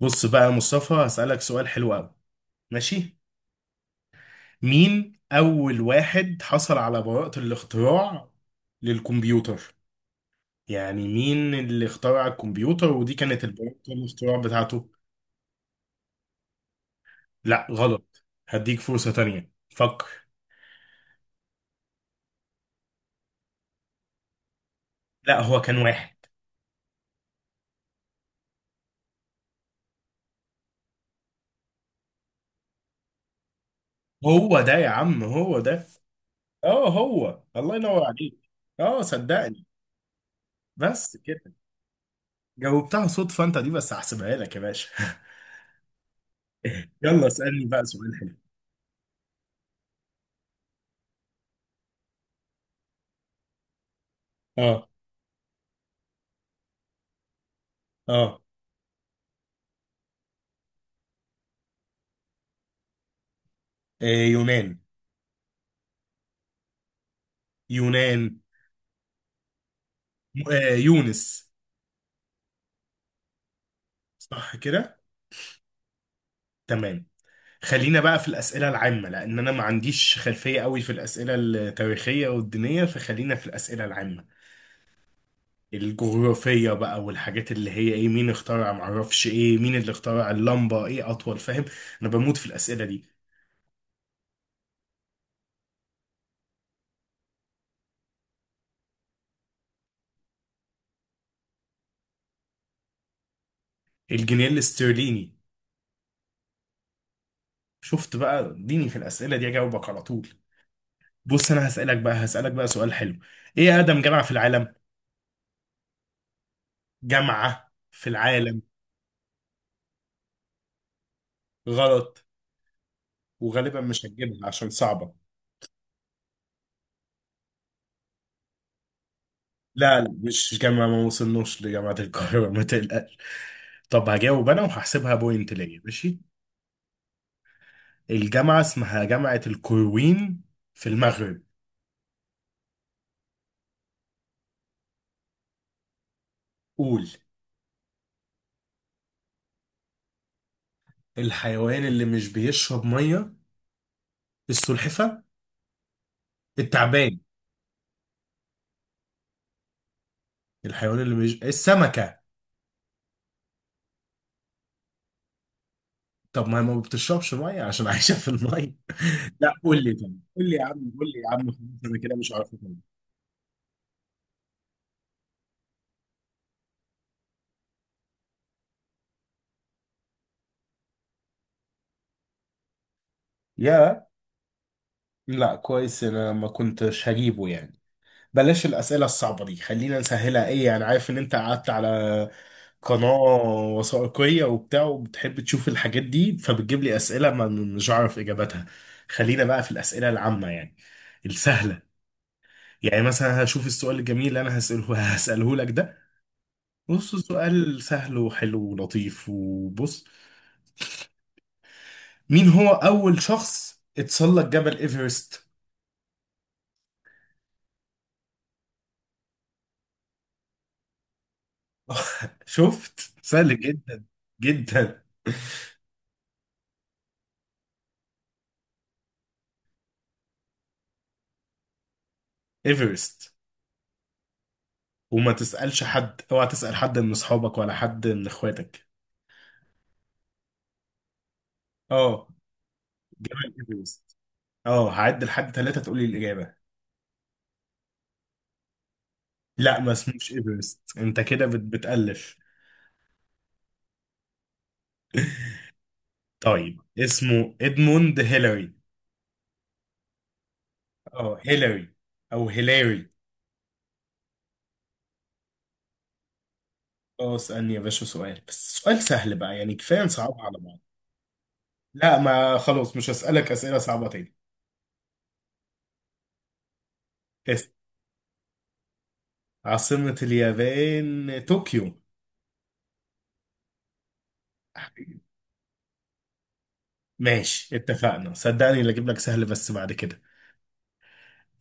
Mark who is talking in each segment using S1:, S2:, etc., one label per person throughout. S1: بص بقى يا مصطفى، هسألك سؤال حلو قوي. ماشي. مين أول واحد حصل على براءة الاختراع للكمبيوتر؟ يعني مين اللي اخترع الكمبيوتر ودي كانت البراءة الاختراع بتاعته. لا غلط، هديك فرصة تانية، فكر. لا هو كان واحد. هو ده يا عم هو ده. اه، هو الله ينور عليك. اه صدقني. بس كده. جاوبتها صدفة انت دي، بس هحسبها لك يا باشا. يلا اسألني بقى سؤال حلو. اه. اه. إيه يونان. يونان. آه يونس. صح كده. تمام. خلينا بقى في الأسئلة العامة لأن أنا ما عنديش خلفية قوي في الأسئلة التاريخية والدينية، فخلينا في الأسئلة العامة. الجغرافية بقى والحاجات اللي هي إيه، مين اخترع، معرفش، إيه مين اللي اخترع اللمبة، إيه أطول، فاهم. أنا بموت في الأسئلة دي. الجنيه الاسترليني. شفت بقى، اديني في الأسئلة دي أجاوبك على طول. بص أنا هسألك بقى سؤال حلو. إيه أقدم جامعة في العالم؟ جامعة في العالم. غلط. وغالبا مش هتجيبها عشان صعبة. لا مش جامعة، ما وصلناش لجامعة القاهرة، ما تقلقش. طب هجاوب أنا وهحسبها بوينت ليا ماشي. الجامعة اسمها جامعة القرويين في المغرب. قول. الحيوان اللي مش بيشرب مية. السلحفة. التعبان. الحيوان اللي مش السمكة. طب ما هي ما بتشربش مية عشان عايشة في المية. لا قول لي طب قول لي يا عم قول لي يا عم خلاص. أنا كده مش عارف أجاوب. يا. لا كويس انا ما كنتش هجيبه يعني. بلاش الأسئلة الصعبة دي، خلينا نسهلها، ايه يعني، عارف ان انت قعدت على قناة وثائقية وبتاع وبتحب تشوف الحاجات دي فبتجيب لي أسئلة ما مش عارف إجاباتها. خلينا بقى في الأسئلة العامة يعني، السهلة. يعني مثلا هشوف السؤال الجميل اللي انا هسأله لك ده. بص سؤال سهل وحلو ولطيف، وبص، مين هو أول شخص اتسلق جبل إيفرست؟ شفت سهل جدا جدا. إيفرست. وما تسألش حد، اوعى تسأل حد من اصحابك ولا حد من اخواتك. اه جبل ايفرست. اه هعد لحد ثلاثة تقولي الإجابة. لا ما اسموش ايفرست، انت كده بتألف. طيب اسمه ادموند هيلاري. اه هيلاري، او هيلاري. اه اسألني يا باشا سؤال، بس سؤال سهل بقى يعني، كفاية نصعب على بعض. لا ما خلاص مش هسألك أسئلة صعبة تاني. اسأل. عاصمة اليابان طوكيو. ماشي اتفقنا، صدقني اللي اجيب لك سهل بس بعد كده.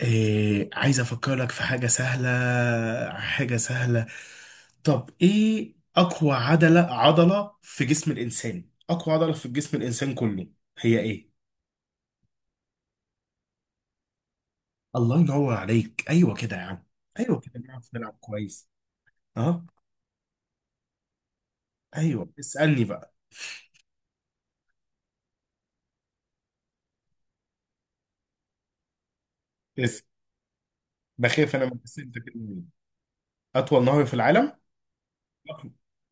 S1: إيه عايز افكر لك في حاجة سهلة. حاجة سهلة. طب ايه اقوى عضلة، عضلة في جسم الانسان، اقوى عضلة في جسم الانسان كله، هي ايه؟ الله ينور عليك، ايوه كده يا عم. ايوه كده نعرف نلعب كويس. اه. ايوه اسألني بقى. بس بخاف انا من بس انت كده مين؟ اطول نهر في العالم.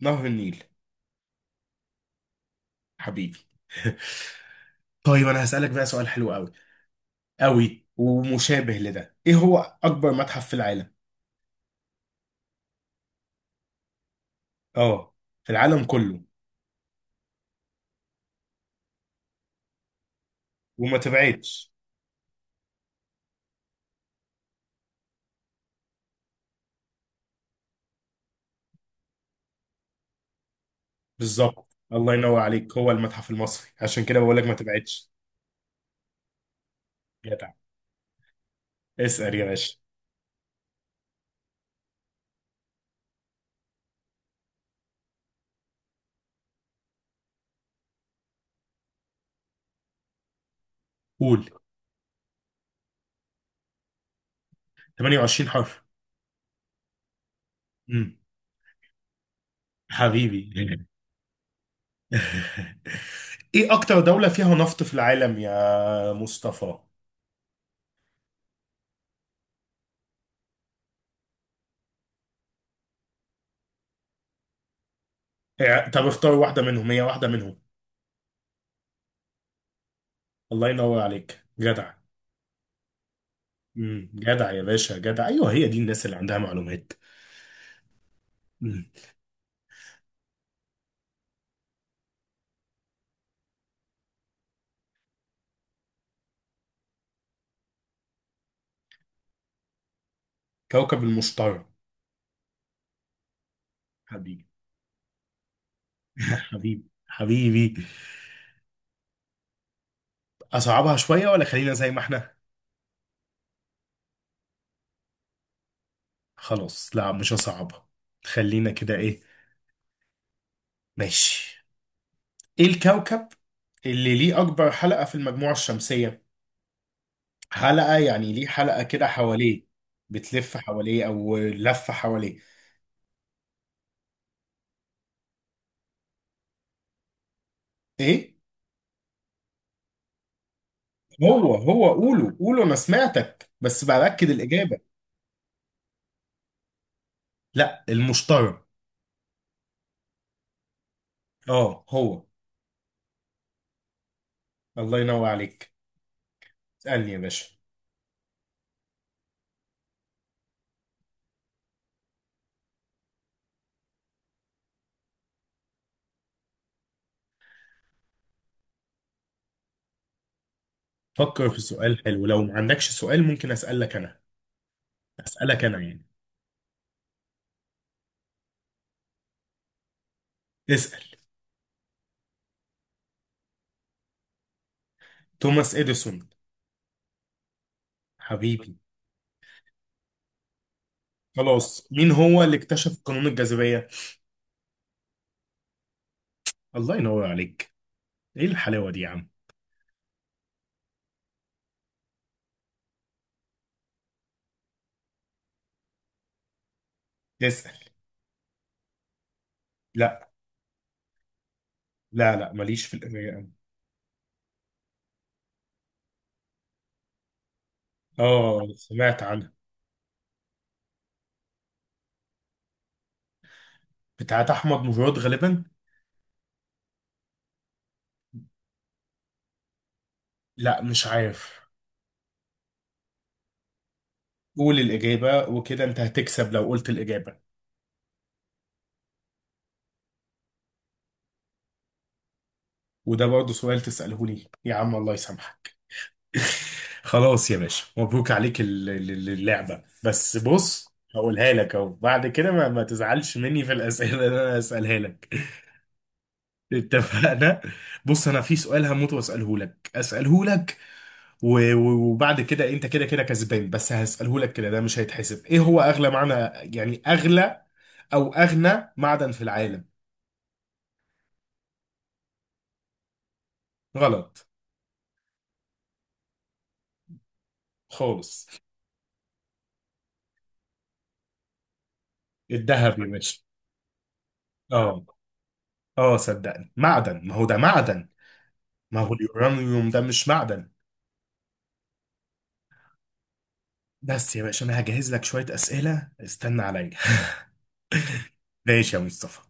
S1: نهر النيل. حبيبي. طيب انا هسألك بقى سؤال حلو قوي، قوي ومشابه لده، ايه هو اكبر متحف في العالم؟ اه. في العالم كله. وما تبعدش. بالظبط الله ينور عليك، هو المتحف المصري، عشان كده بقول لك ما تبعدش. جدع. اسأل يا باشا. قول. 28 حرف. امم. حبيبي. ايه اكتر دولة فيها نفط في العالم يا مصطفى؟ إيه، طب اختار واحدة منهم، هي واحدة منهم. الله ينور عليك جدع. امم، جدع يا باشا جدع، ايوه هي دي الناس اللي عندها معلومات. مم. كوكب المشتري. حبيبي. حبيبي حبيبي. اصعبها شوية ولا خلينا زي ما احنا. خلاص لا مش هصعبها. خلينا كده ايه. ماشي. ايه الكوكب اللي ليه اكبر حلقة في المجموعة الشمسية؟ حلقة يعني ليه حلقة كده حواليه، بتلف حواليه او لفة حواليه. ايه. هو هو قوله قوله انا سمعتك بس باكد الاجابة. لا المشتري. اه هو الله ينور عليك. اسألني يا باشا. فكر في سؤال حلو، لو ما عندكش سؤال ممكن اسألك انا. اسألك انا يعني. اسأل. توماس إديسون. حبيبي. خلاص مين هو اللي اكتشف قانون الجاذبية؟ الله ينور عليك. ايه الحلاوة دي يا عم. اسأل. لا لا لا ماليش في القراية أوي. اه سمعت عنها. بتاعت أحمد مراد غالبا. لا مش عارف. قول الإجابة وكده أنت هتكسب لو قلت الإجابة. وده برضه سؤال تسأله لي يا عم الله يسامحك. خلاص يا باشا مبروك عليك اللعبة، بس بص، هقولها لك اهو بعد كده، ما تزعلش مني في الأسئلة اللي انا هسألها لك. اتفقنا. بص انا في سؤال هموت واساله لك، اساله لك وبعد كده انت كده كده كسبان، بس هساله لك كده ده مش هيتحسب. ايه هو اغلى معنى يعني، اغلى او اغنى معدن في العالم؟ غلط خالص. الذهب يا باشا. اه. اه صدقني معدن، ما هو ده معدن. ما هو اليورانيوم ده مش معدن. بس يا باشا انا هجهز لك شوية اسئلة، استنى عليا. ماشي يا مصطفى.